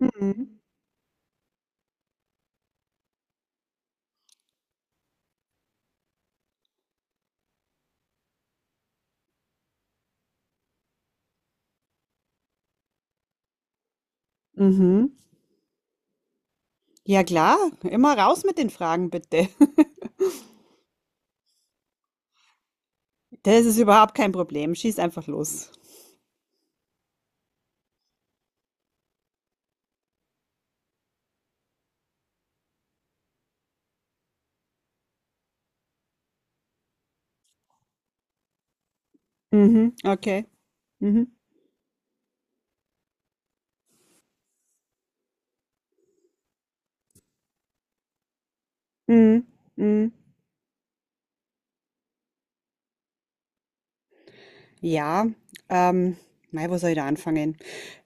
Mhm. Mhm. Ja klar, immer raus mit den Fragen bitte. Das ist überhaupt kein Problem. Schieß einfach los. Mhm. Okay. Mhm. Mhm. Mhm. Ja, ähm, mei, wo soll ich da anfangen?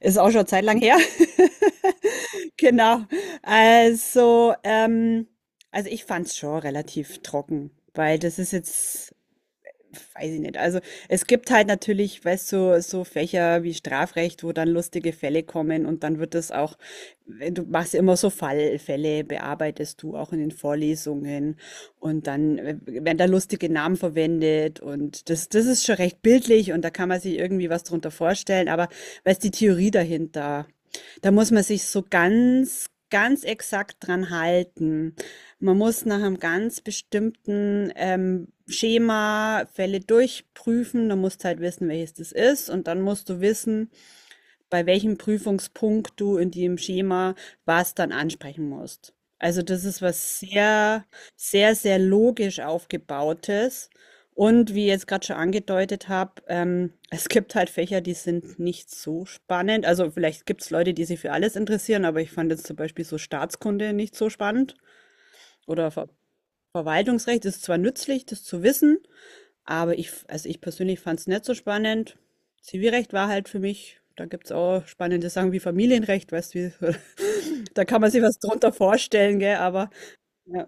Ist auch schon eine Zeit lang her. Genau. Also, ähm, also ich fand's schon relativ trocken, weil das ist jetzt weiß ich nicht. Also es gibt halt natürlich, weißt du, so Fächer wie Strafrecht, wo dann lustige Fälle kommen und dann wird das auch, du machst ja immer so Fallfälle, bearbeitest du auch in den Vorlesungen und dann werden da lustige Namen verwendet, und das, das ist schon recht bildlich und da kann man sich irgendwie was drunter vorstellen, aber weißt, die Theorie dahinter, da muss man sich so ganz, ganz exakt dran halten. Man muss nach einem ganz bestimmten, Schema Fälle durchprüfen. Dann musst halt wissen, welches das ist, und dann musst du wissen, bei welchem Prüfungspunkt du in dem Schema was dann ansprechen musst. Also, das ist was sehr, sehr, sehr logisch Aufgebautes, und wie ich jetzt gerade schon angedeutet habe, es gibt halt Fächer, die sind nicht so spannend. Also, vielleicht gibt's Leute, die sich für alles interessieren, aber ich fand jetzt zum Beispiel so Staatskunde nicht so spannend oder v Verwaltungsrecht ist zwar nützlich, das zu wissen, aber ich, also ich persönlich fand es nicht so spannend. Zivilrecht war halt für mich, da gibt es auch spannende Sachen wie Familienrecht, weißt du, wie, da kann man sich was drunter vorstellen, gell, aber ja,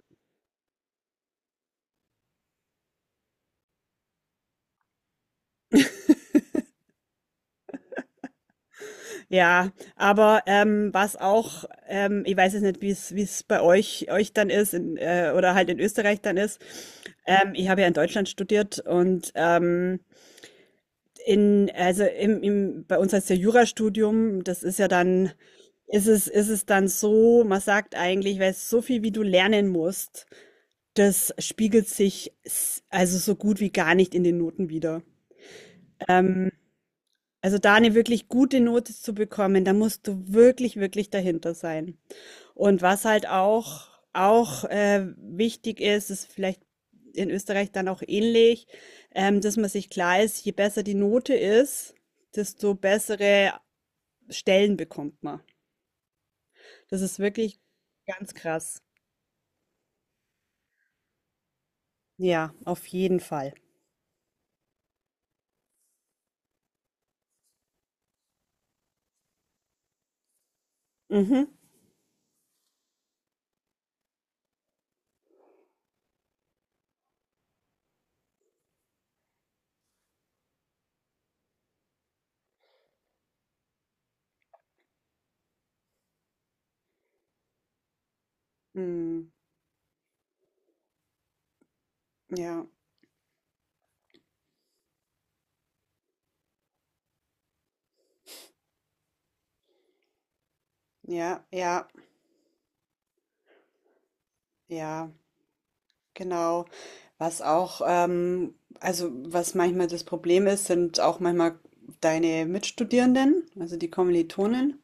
ja aber was auch, ich weiß jetzt nicht, wie es bei euch dann ist in, oder halt in Österreich dann ist. Ich habe ja in Deutschland studiert und in, also bei uns heißt ja Jurastudium, das ist ja dann, ist es dann so, man sagt eigentlich, weil so viel wie du lernen musst, das spiegelt sich also so gut wie gar nicht in den Noten wieder. Ähm, also da eine wirklich gute Note zu bekommen, da musst du wirklich, wirklich dahinter sein. Und was halt auch wichtig ist, ist vielleicht in Österreich dann auch ähnlich, dass man sich klar ist, je besser die Note ist, desto bessere Stellen bekommt man. Das ist wirklich ganz krass. Ja, auf jeden Fall. Mhm. Hm. Ja, ja, ja, ja, genau. Was auch, also was manchmal das Problem ist, sind auch manchmal deine Mitstudierenden, also die Kommilitonen.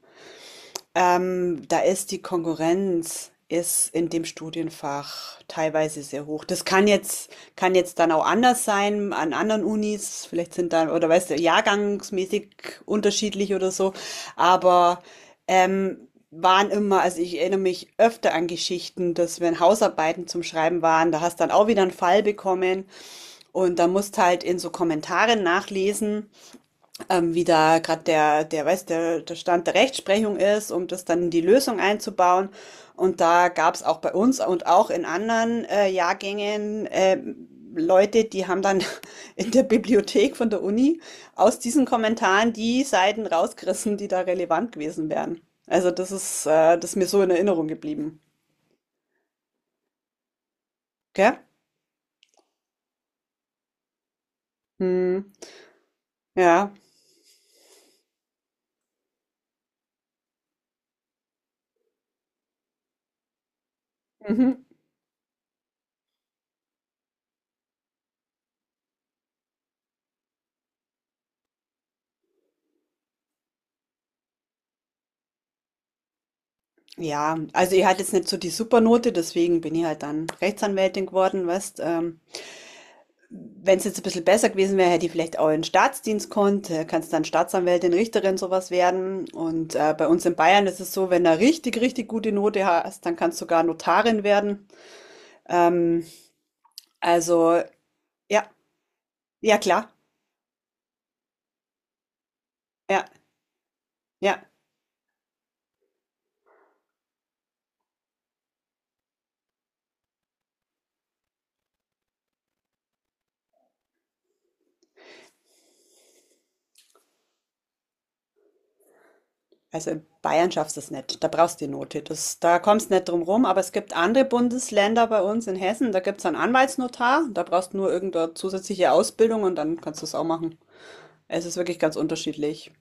Da ist die Konkurrenz ist in dem Studienfach teilweise sehr hoch. Das kann jetzt dann auch anders sein an anderen Unis. Vielleicht sind dann, oder weißt du, jahrgangsmäßig unterschiedlich oder so. Aber waren immer, also ich erinnere mich öfter an Geschichten, dass wenn Hausarbeiten zum Schreiben waren, da hast dann auch wieder einen Fall bekommen und da musst halt in so Kommentaren nachlesen, wie da gerade der Stand der Rechtsprechung ist, um das dann in die Lösung einzubauen. Und da gab es auch bei uns und auch in anderen Jahrgängen Leute, die haben dann in der Bibliothek von der Uni aus diesen Kommentaren die Seiten rausgerissen, die da relevant gewesen wären. Also das ist mir so in Erinnerung geblieben. Gell? Hm, ja. Mhm. Ja, also ich hatte jetzt nicht so die Supernote, deswegen bin ich halt dann Rechtsanwältin geworden, weißt, wenn es jetzt ein bisschen besser gewesen wäre, hätte ich vielleicht auch in den Staatsdienst konnt. Kannst dann Staatsanwältin, Richterin, sowas werden. Und bei uns in Bayern ist es so, wenn du richtig, richtig gute Note hast, dann kannst du sogar Notarin werden. Ähm, also, ja, ja, klar. Ja, ja. Also in Bayern schaffst du es nicht. Da brauchst du die Note. Das, da kommst du nicht drum rum. Aber es gibt andere Bundesländer, bei uns in Hessen, da gibt es einen Anwaltsnotar. Da brauchst du nur irgendeine zusätzliche Ausbildung und dann kannst du es auch machen. Es ist wirklich ganz unterschiedlich.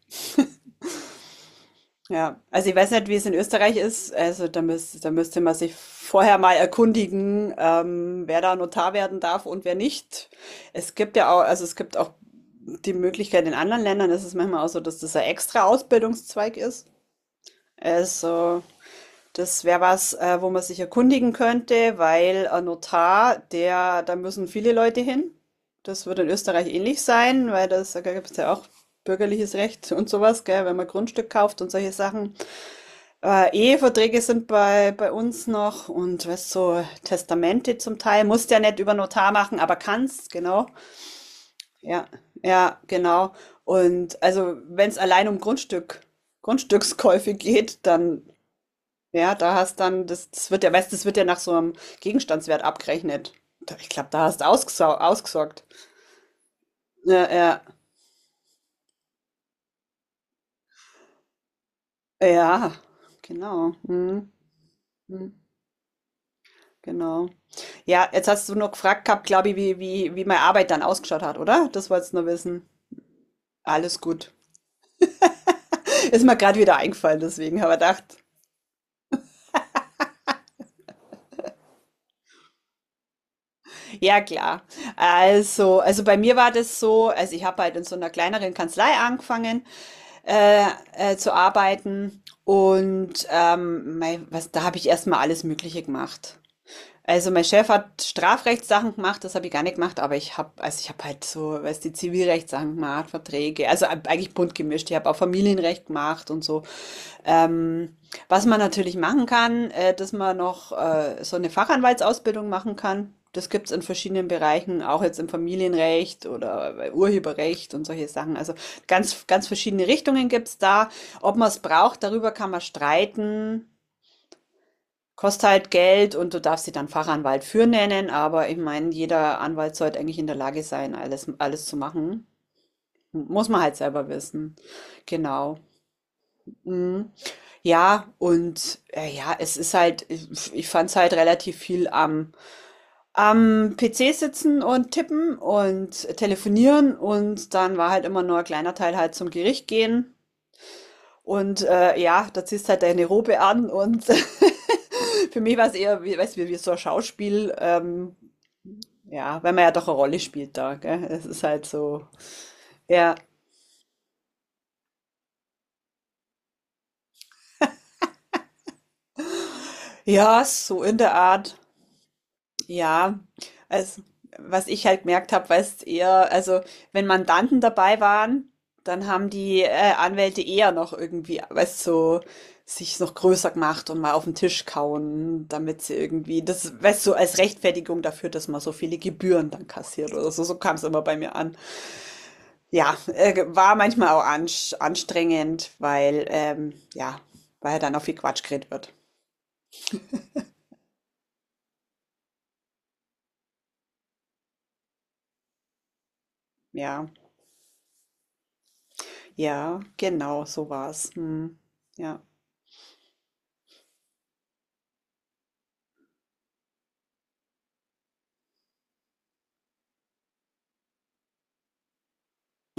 Ja, also ich weiß nicht, wie es in Österreich ist. Also da müsste man sich vorher mal erkundigen, wer da Notar werden darf und wer nicht. Es gibt ja auch, also es gibt auch die Möglichkeit, in anderen Ländern ist es manchmal auch so, dass das ein extra Ausbildungszweig ist. Also das wäre was, wo man sich erkundigen könnte, weil ein Notar, der, da müssen viele Leute hin. Das wird in Österreich ähnlich sein, weil das, da gibt es ja auch bürgerliches Recht und sowas, gell, wenn man Grundstück kauft und solche Sachen. Eheverträge sind bei, bei uns noch und weißt so Testamente zum Teil. Musst ja nicht über Notar machen, aber kannst, genau. Ja, ja, genau. Und also wenn es allein um Grundstückskäufe geht, dann, ja, da hast dann, das, das wird ja, weißt, das wird ja nach so einem Gegenstandswert abgerechnet. Ich glaube, da hast du ausgesorgt. Ja, ja, ja, genau. Hm, hm, genau. Ja, jetzt hast du noch gefragt gehabt, glaube ich, wie meine Arbeit dann ausgeschaut hat, oder? Das wolltest du nur wissen. Alles gut. Ist mir gerade wieder eingefallen, deswegen habe ich gedacht, ja klar. Also bei mir war das so, also ich habe halt in so einer kleineren Kanzlei angefangen äh, zu arbeiten und mei, was, da habe ich erstmal alles Mögliche gemacht. Also mein Chef hat Strafrechtssachen gemacht, das habe ich gar nicht gemacht, aber ich habe, also ich habe halt so, weißt du, die Zivilrechtssachen gemacht, Verträge, also eigentlich bunt gemischt. Ich habe auch Familienrecht gemacht und so. Ähm, Was man natürlich machen kann, dass man noch so eine Fachanwaltsausbildung machen kann. Das gibt's in verschiedenen Bereichen, auch jetzt im Familienrecht oder bei Urheberrecht und solche Sachen. Also ganz, ganz verschiedene Richtungen gibt's da. Ob man es braucht, darüber kann man streiten. Kostet halt Geld und du darfst dich dann Fachanwalt für nennen, aber ich meine, jeder Anwalt sollte eigentlich in der Lage sein, alles, alles zu machen. Muss man halt selber wissen. Genau. Mhm. Ja, und ja, es ist halt, ich fand es halt relativ viel am PC sitzen und tippen und telefonieren, und dann war halt immer nur ein kleiner Teil halt zum Gericht gehen. Und ja, da ziehst halt deine Robe an und für mich war es eher, wie, weißt du, wie so ein Schauspiel, ja, weil man ja doch eine Rolle spielt da, gell? Es ist halt so, ja, ja, so in der Art. Ja, also, was ich halt gemerkt habe, weißt eher, also, wenn Mandanten dabei waren, dann haben die Anwälte eher noch irgendwie, weißt so, sich noch größer gemacht und mal auf den Tisch kauen, damit sie irgendwie, das, weißt du, so als Rechtfertigung dafür, dass man so viele Gebühren dann kassiert oder so, so kam es immer bei mir an. Ja, war manchmal auch ansch anstrengend, weil, ja, weil dann auch viel Quatsch geredet wird. Ja, ja, genau, so war's. Mhm. Ja.